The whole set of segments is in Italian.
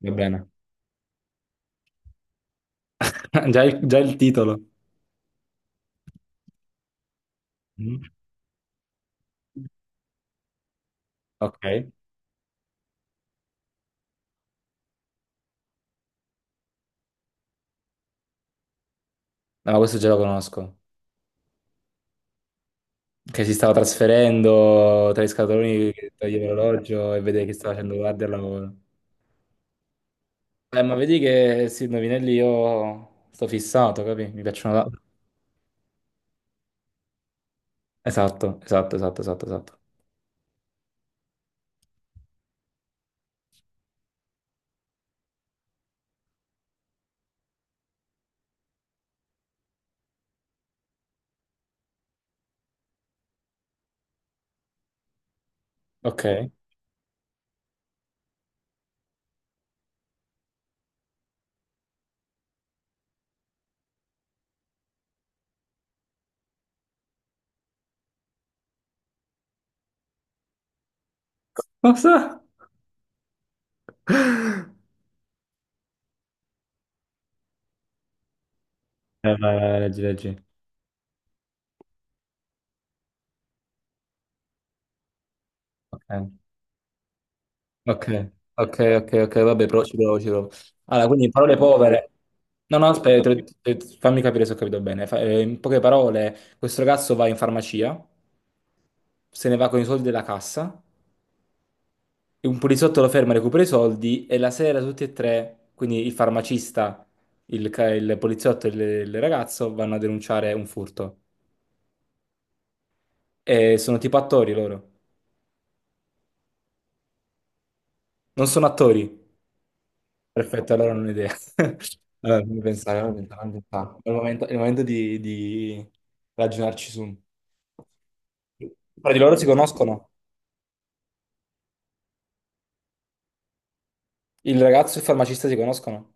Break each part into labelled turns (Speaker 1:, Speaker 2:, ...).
Speaker 1: Va bene. Già il titolo. Mm. Ok. No, questo già lo conosco. Che si stava trasferendo tra i scatoloni che toglieva l'orologio e vedeva che stava facendo guardia al lavoro. Ma vedi che sì, indovinelli io sto fissato, capi? Mi piacciono da. Esatto, esatto, esatto, esatto, esatto. Ok. Cosa? Vai, vai, vai, leggi, leggi. Ok. Ok, ok, ok, ok, vabbè, però ci provo, ci provo. Allora, quindi in parole povere. No, no, aspetta, fammi capire se ho capito bene. In poche parole, questo ragazzo va in farmacia, se ne va con i soldi della cassa, e un poliziotto lo ferma, recupera i soldi e la sera tutti e tre, quindi il farmacista, il poliziotto e il ragazzo, vanno a denunciare un furto. E sono tipo attori loro. Non sono attori. Perfetto, allora non ho idea. Allora, fammi pensare, fammi pensare, fammi pensare. È il momento di ragionarci su. Fra di loro si conoscono. Il ragazzo e il farmacista si conoscono.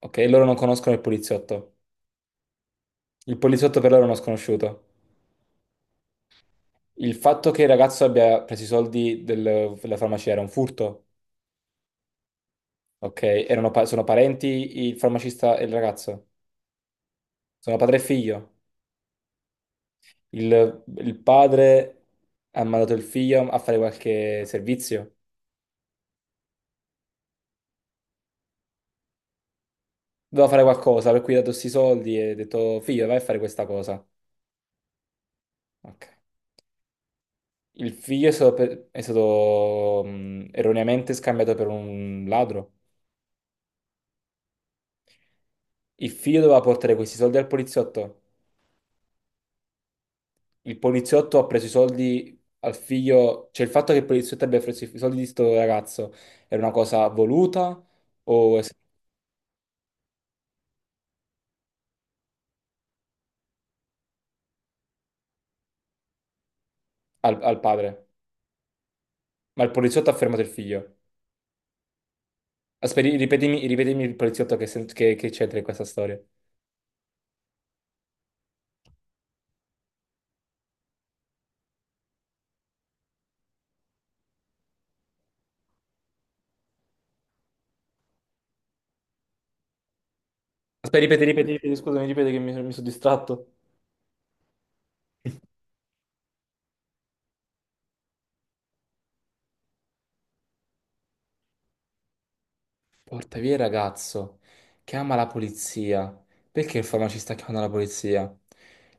Speaker 1: Ok, loro non conoscono il poliziotto. Il poliziotto per loro è uno sconosciuto. Il fatto che il ragazzo abbia preso i soldi della farmacia era un furto. Ok, sono parenti il farmacista e il ragazzo. Sono padre e figlio. Il padre ha mandato il figlio a fare qualche servizio. Dovevo fare qualcosa, per cui gli ho dato questi soldi e ho detto, figlio, vai a fare questa cosa. Ok. Il figlio è stato, erroneamente scambiato per un ladro. Il figlio doveva portare questi soldi al poliziotto. Il poliziotto ha preso i soldi al figlio. Cioè, il fatto che il poliziotto abbia preso i soldi di sto ragazzo era una cosa voluta o es- al padre? Ma il poliziotto ha fermato il figlio. Aspetta, ripetimi, ripetimi il poliziotto che c'entra in questa storia. Aspetta, ripeti, ripeti, ripeti, scusami, ripeti che mi sono distratto. Porta via il ragazzo, chiama la polizia. Perché il farmacista chiama la polizia?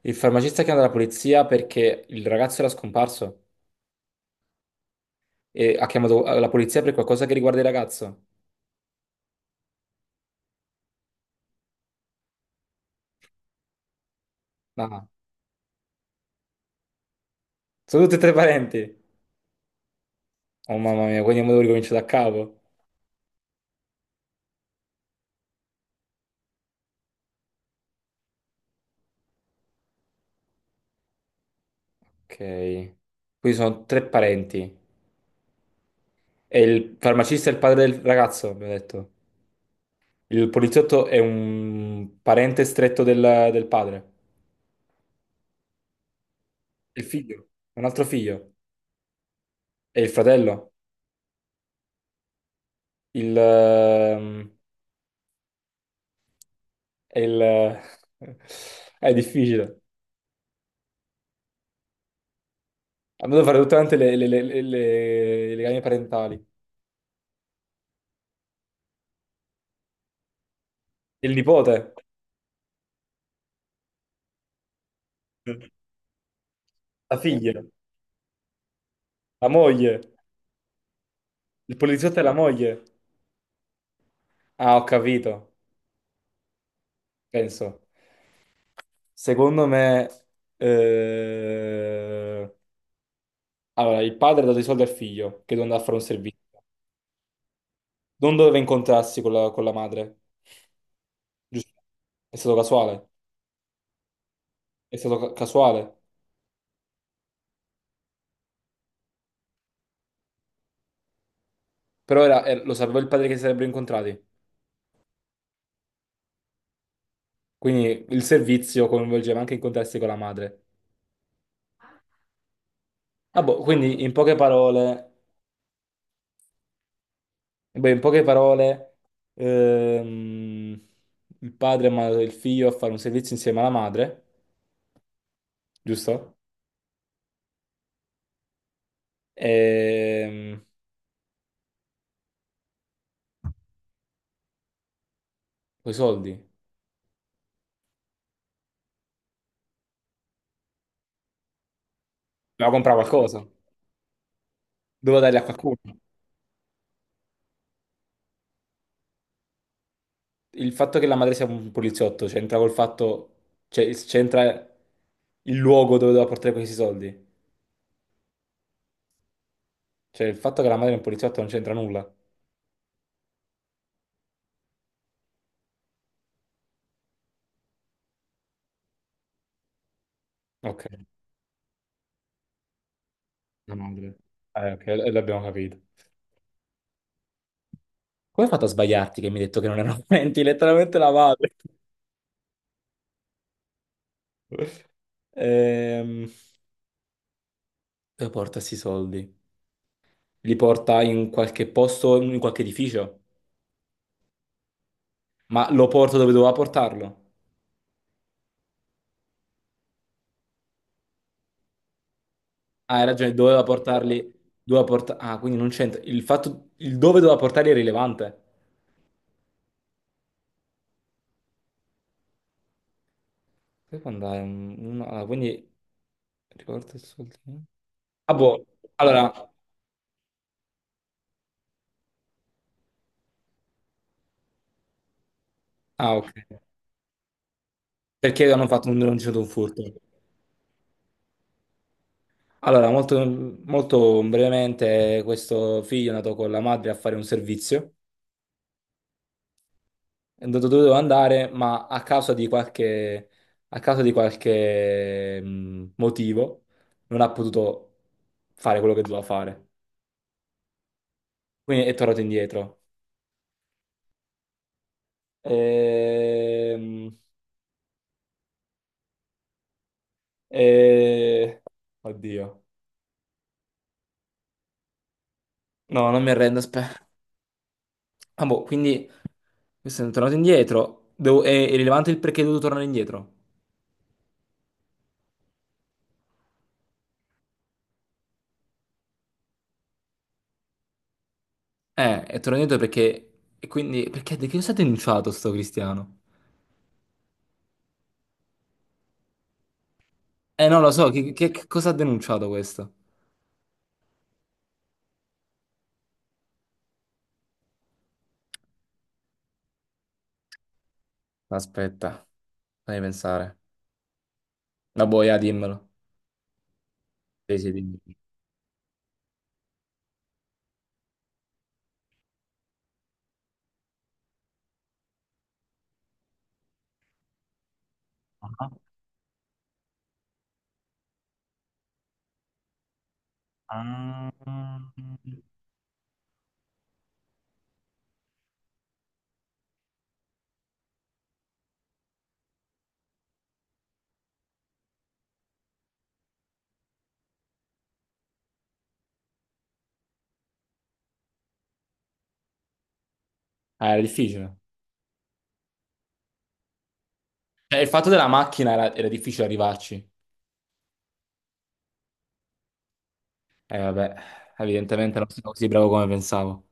Speaker 1: Il farmacista chiama la polizia perché il ragazzo era scomparso e ha chiamato la polizia per qualcosa che riguarda il ragazzo. Ah, sono tutti e tre parenti. Oh mamma mia, quindi devo ricominciare da capo. Ok, qui sono tre parenti. E il farmacista è il padre del ragazzo, abbiamo detto. Il poliziotto è un parente stretto del padre. Il figlio, un altro figlio. E il fratello? Il, ehm, è il- è difficile. Abbiamo dovuto fare tutte quante le gambe parentali. Il nipote, la figlia, la moglie, il poliziotto e la moglie. Ah, ho capito, penso. Secondo me, eh, allora, il padre ha dato i soldi al figlio che doveva andare a fare un servizio. Non doveva incontrarsi con la madre, giusto? È stato casuale, è stato casuale. Però lo sapeva il padre che si sarebbero incontrati. Quindi il servizio coinvolgeva anche incontrarsi con la madre. Ah, boh, quindi in poche parole, beh, in poche parole, ehm, il padre ha mandato il figlio a fare un servizio insieme alla madre, giusto? Ehm, con i soldi. Doveva comprare qualcosa, doveva darli a qualcuno. Il fatto che la madre sia un poliziotto c'entra col fatto, cioè c'entra il luogo dove doveva portare questi soldi. Cioè il fatto che la madre è un poliziotto non c'entra nulla. Ok. La madre. Ok, l'abbiamo capito. Come hai fatto a sbagliarti che mi hai detto che non erano 20? Letteralmente la madre. Ehm, dove porta questi soldi? Li porta in qualche posto, in qualche edificio? Ma lo porta dove doveva portarlo? Ah, hai ragione, doveva portarli. Doveva Quindi non c'entra. Il dove doveva portarli è rilevante. Poi può andare. Riporta i soldi. Ah, boh. Allora. Ah, ok. Perché hanno fatto non c'è stato un furto? Allora, molto, molto brevemente, questo figlio è andato con la madre a fare un servizio, è andato dove doveva andare, ma a causa di qualche, a causa di qualche motivo non ha potuto fare quello che doveva fare. Quindi è tornato indietro. Ehm, e- Oddio. No, non mi arrendo, aspetta. Ah, boh, quindi questo è tornato indietro. È rilevante il perché è dovuto tornare indietro. È tornato indietro perché. E quindi. Perché di che cosa ha denunciato sto Cristiano? Non lo so, che cosa ha denunciato questo? Aspetta, fammi pensare. La boia, dimmelo. Sì, sì, dimmi. Ah, ah. Ah, era difficile. Cioè, il fatto della macchina era difficile arrivarci. Vabbè. Evidentemente non sono così bravo come pensavo.